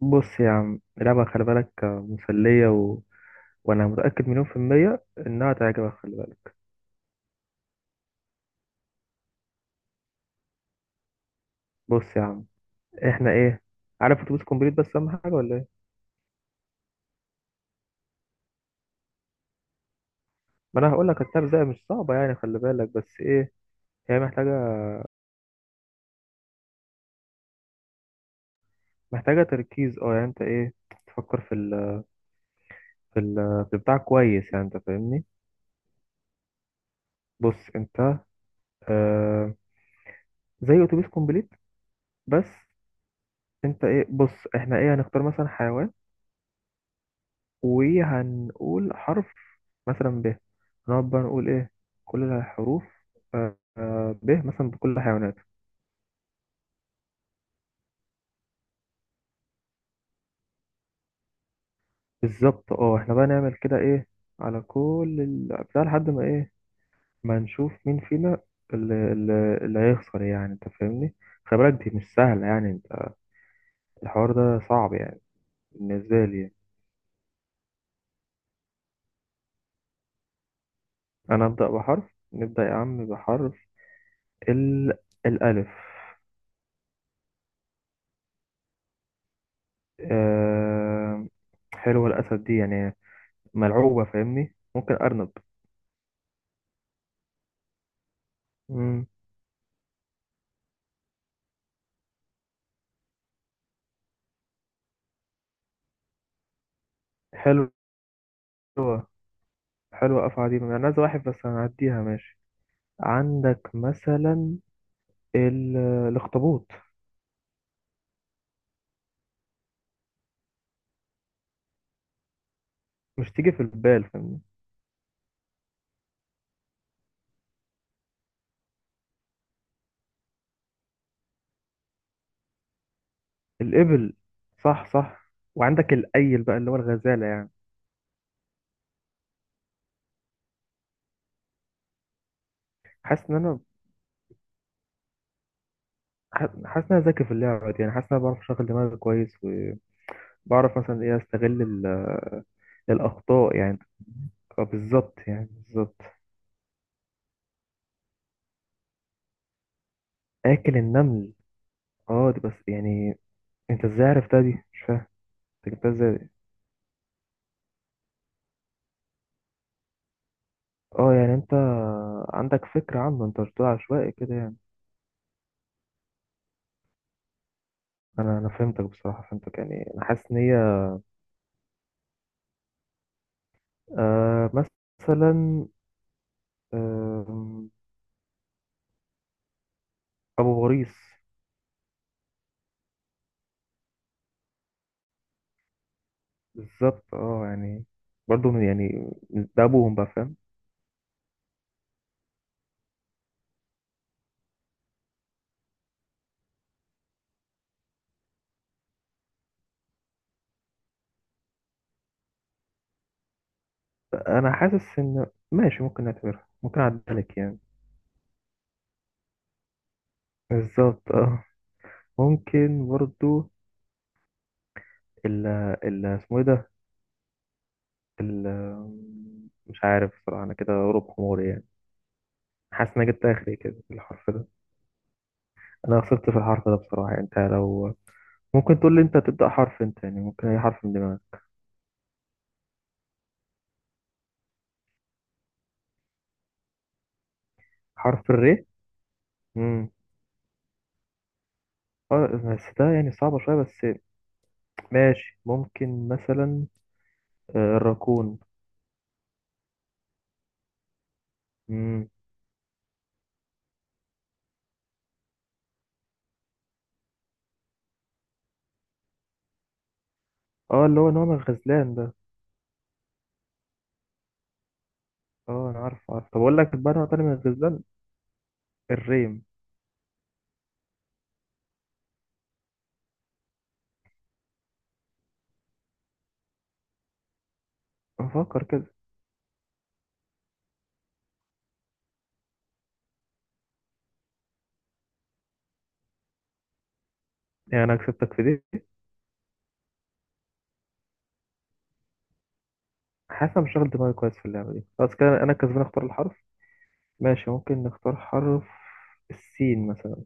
بص يا عم، اللعبة خلي بالك مسلية و... وأنا متأكد مليون في المية إنها تعجبك. خلي بالك، بص يا عم، إحنا إيه؟ عارف أتوبيس كومبليت؟ بس أهم حاجة ولا إيه؟ ما أنا هقول لك اللعبة زي مش صعبة يعني، خلي بالك بس إيه، هي محتاجة تركيز، يعني أنت إيه، تفكر في ال في ال في بتاع كويس، يعني أنت فاهمني؟ بص أنت، آه زي أتوبيس كومبليت بس. أنت إيه، بص إحنا إيه، هنختار مثلا حيوان وهنقول حرف، مثلا ب، نقعد بقى نقول ايه كل الحروف، ب مثلا بكل الحيوانات. بالظبط، احنا بقى نعمل كده ايه، على كل بتاع لحد ما ايه، ما نشوف مين فينا اللي هيخسر، يعني انت فاهمني؟ خلي بالك دي مش سهلة يعني، انت الحوار ده صعب يعني، بالنسبة لي يعني. انا ابدأ بحرف، نبدأ يا عم بحرف ال الألف. آه... حلوة الأسد دي يعني، ملعوبة، فاهمني؟ ممكن أرنب. مم. حلوة، حلوة أفعى دي، أنا عايز واحد بس هنعديها ماشي. عندك مثلا ال... الأخطبوط. مش تيجي في البال، فاهمني؟ الإبل، صح صح، وعندك الأيل بقى اللي هو الغزالة يعني. حاسس إن أنا حاسس إن أنا ذكي في اللعبة دي يعني. حاسس إن أنا بعرف أشغل دماغي كويس، وبعرف مثلا إيه أستغل الأخطاء يعني. بالظبط يعني، بالظبط. آكل النمل؟ دي بس يعني، أنت إزاي عرفتها دي؟ مش فاهم، انت جبتها ازاي؟ اه يعني انت عندك فكرة عنه، انت مش بتقول عشوائي كده يعني. انا فهمتك بصراحة، فهمتك يعني، انا حاسس ان هي. آه مثلا آه ابو غريس. بالظبط اه يعني، برضو من يعني، ده ابوهم بقى، فاهم؟ انا حاسس ان ماشي، ممكن نعتبرها، ممكن اعدها لك يعني. بالظبط اه، ممكن برضو ال ال اسمه ايه ده، ال مش عارف بصراحة. انا كده غروب حموري يعني، حاسس ان انا جبت اخري كده في الحرف ده. انا خسرت في الحرف ده بصراحة يعني، انت لو ممكن تقول لي انت تبدأ حرف، انت يعني ممكن اي حرف من دماغك. حرف الري، امم اه بس ده يعني صعبة شوية بس. ماشي، ممكن مثلا الراكون. امم اه اللي هو نوع من الغزلان ده. اه انا عارف، عارف، طب اقول لك بقى نوع تاني من الغزلان، الريم. افكر كده، يعني انا كسبتك في دي. حاسس انا مش شغل دماغي كويس في اللعبة دي، خلاص كده انا كسبان. اختار الحرف، ماشي ممكن نختار حرف السين مثلا.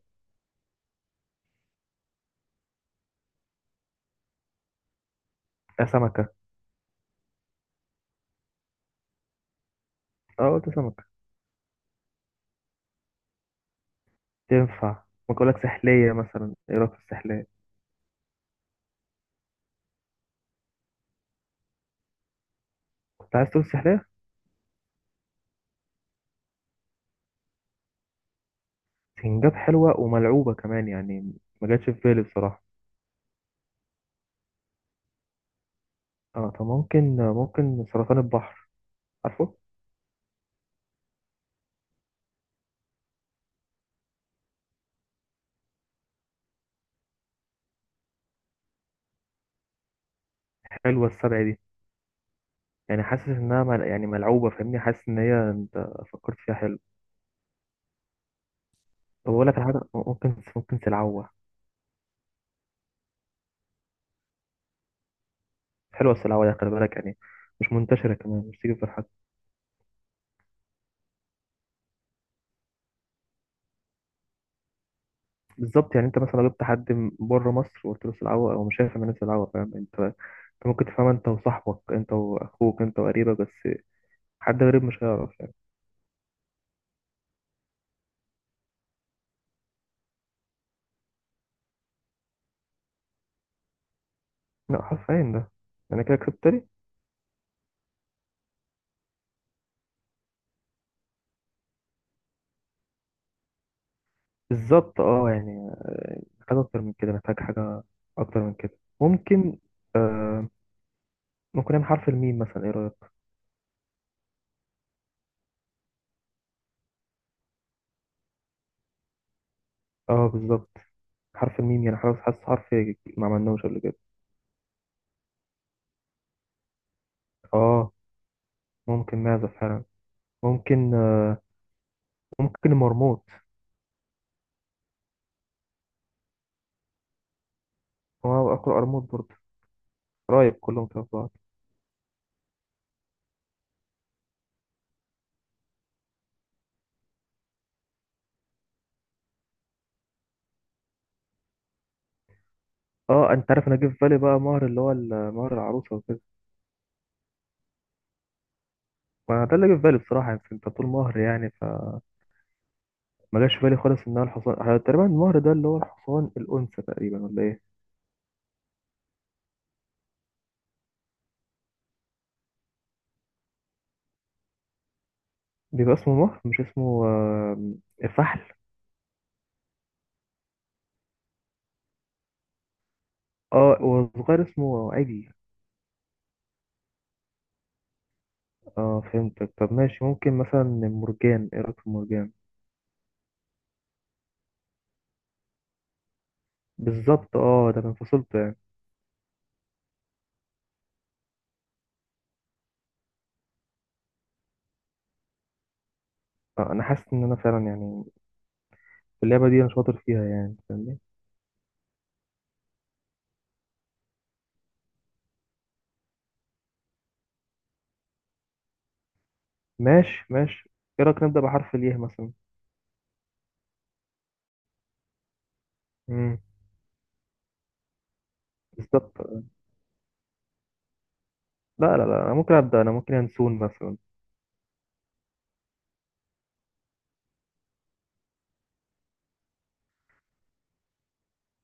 آه، سمكة، اه قلت سمكة، تنفع. ممكن أقول لك سحلية مثلا، إيه رأيك في السحلية؟ كنت عايز تقول سحلية؟ سنجاب، حلوة وملعوبة كمان يعني، ما جاتش في بالي بصراحة. اه طب، ممكن سرطان البحر، عارفه. حلوة السبع دي، يعني حاسس إنها يعني ملعوبة، فاهمني؟ حاسس إن هي أنت فكرت فيها حلو. طب أقول لك على حاجة، ممكن سلعوة. حلوة السلعوة دي، خلي بالك يعني، مش منتشرة كمان، مش تيجي في الحاجة. بالظبط يعني، انت مثلا لو جبت حد من بره مصر وقلت له العوة او، مش هيفهم. الناس العوة، فاهم؟ انت ممكن تفهمها، انت وصاحبك، انت واخوك، انت وقريبك بس. حد غريب مش هيعرف يعني. لا حرفيا ده، انا كده كسبت لي. بالظبط اه يعني، محتاج اكتر من كده، محتاج حاجة اكتر من كده. ممكن، آه ممكن نعمل حرف الميم مثلا، ايه رأيك؟ اه بالظبط، حرف الميم، يعني حاسس، حاسس حرف ما عملناهوش قبل كده. اه ممكن معزة فعلا، ممكن ممكن مرموط. هو اقرأ مرموط برضه، قرايب كلهم في بعض. اه انت عارف، انا جه في بالي بقى مهر اللي هو مهر العروسه وكده. ما ده اللي جه في بالي بصراحه يعني، انت بتقول مهر يعني فما جاش في بالي خالص ان هو الحصان. اه، تقريبا المهر ده اللي هو الحصان الانثى تقريبا، ولا ايه؟ بيبقى اسمه مهر، مش اسمه فحل؟ اه والصغير اسمه عجل. اه فهمتك، طب ماشي ممكن مثلا مرجان، ايه رايك في مرجان؟ بالظبط اه، ده من فصيلته يعني. اه، انا حاسس ان انا فعلا يعني في اللعبه دي انا شاطر فيها يعني، فاهمني؟ ماشي ماشي، ايه رايك نبدا بحرف الياء مثلا؟ مم. بالظبط، لا لا لا انا ممكن ابدا، انا ممكن ينسون مثلا.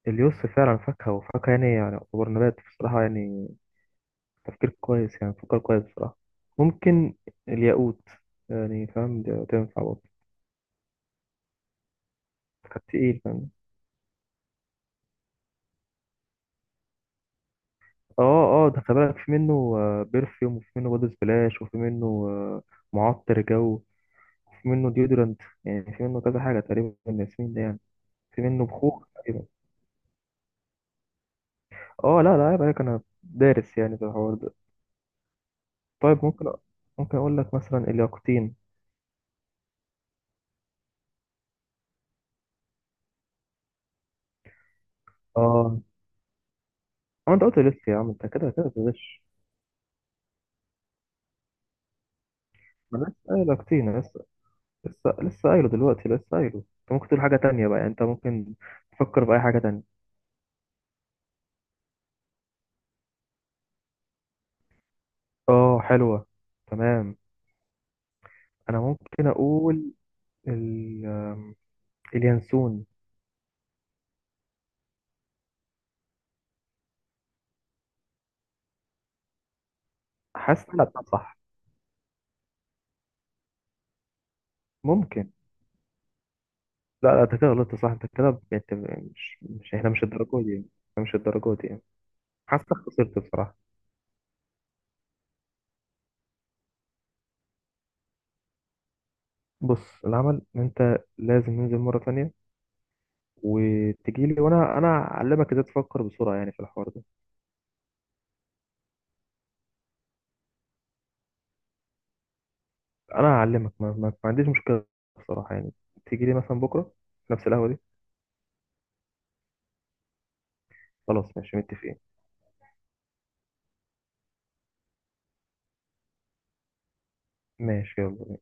اليوس فعلا فاكهه، وفاكهه يعني، يعني يعتبر نبات بصراحه يعني. تفكير كويس يعني، فكر كويس بصراحه. ممكن الياقوت، يعني فاهم؟ ده تنفع برضه، كانت تقيل، فاهم؟ اه، اه ده خلي بالك في منه بيرفيوم، وفي منه بودي سبلاش، وفي منه معطر جو، وفي منه ديودرنت، يعني في منه كذا حاجه تقريبا، الياسمين ده يعني في منه بخور تقريبا. اه لا لا، عيب عليك، انا دارس يعني في الحوار ده. طيب، ممكن اقول لك مثلا الياقوتين. اه، هو انت قلت لسه يا عم، انت كده كده بتغش. ما أنا لسه قايله كتير، لسه لسه لسه قايله دلوقتي، لسه قايله، انت ممكن تقول حاجه تانية بقى يعني، انت ممكن تفكر باي حاجه تانية. اه حلوه، تمام. انا ممكن اقول ال... آم، اليانسون. حاسس ان انا بتاع صح. ممكن، لا لا انت كده غلطت، صح انت كده مش احنا مش الدرجه دي يعني. احنا مش الدرجه دي يعني. حاسس انك خسرت بصراحه. بص، العمل إن انت لازم ننزل مره تانية، وتجي لي، وانا هعلمك ازاي تفكر بسرعه يعني في الحوار ده. انا هعلمك، ما عنديش مشكله بصراحه يعني، تيجي لي مثلا بكره في نفس القهوه دي. خلاص ماشي متفقين. ماشي يلا.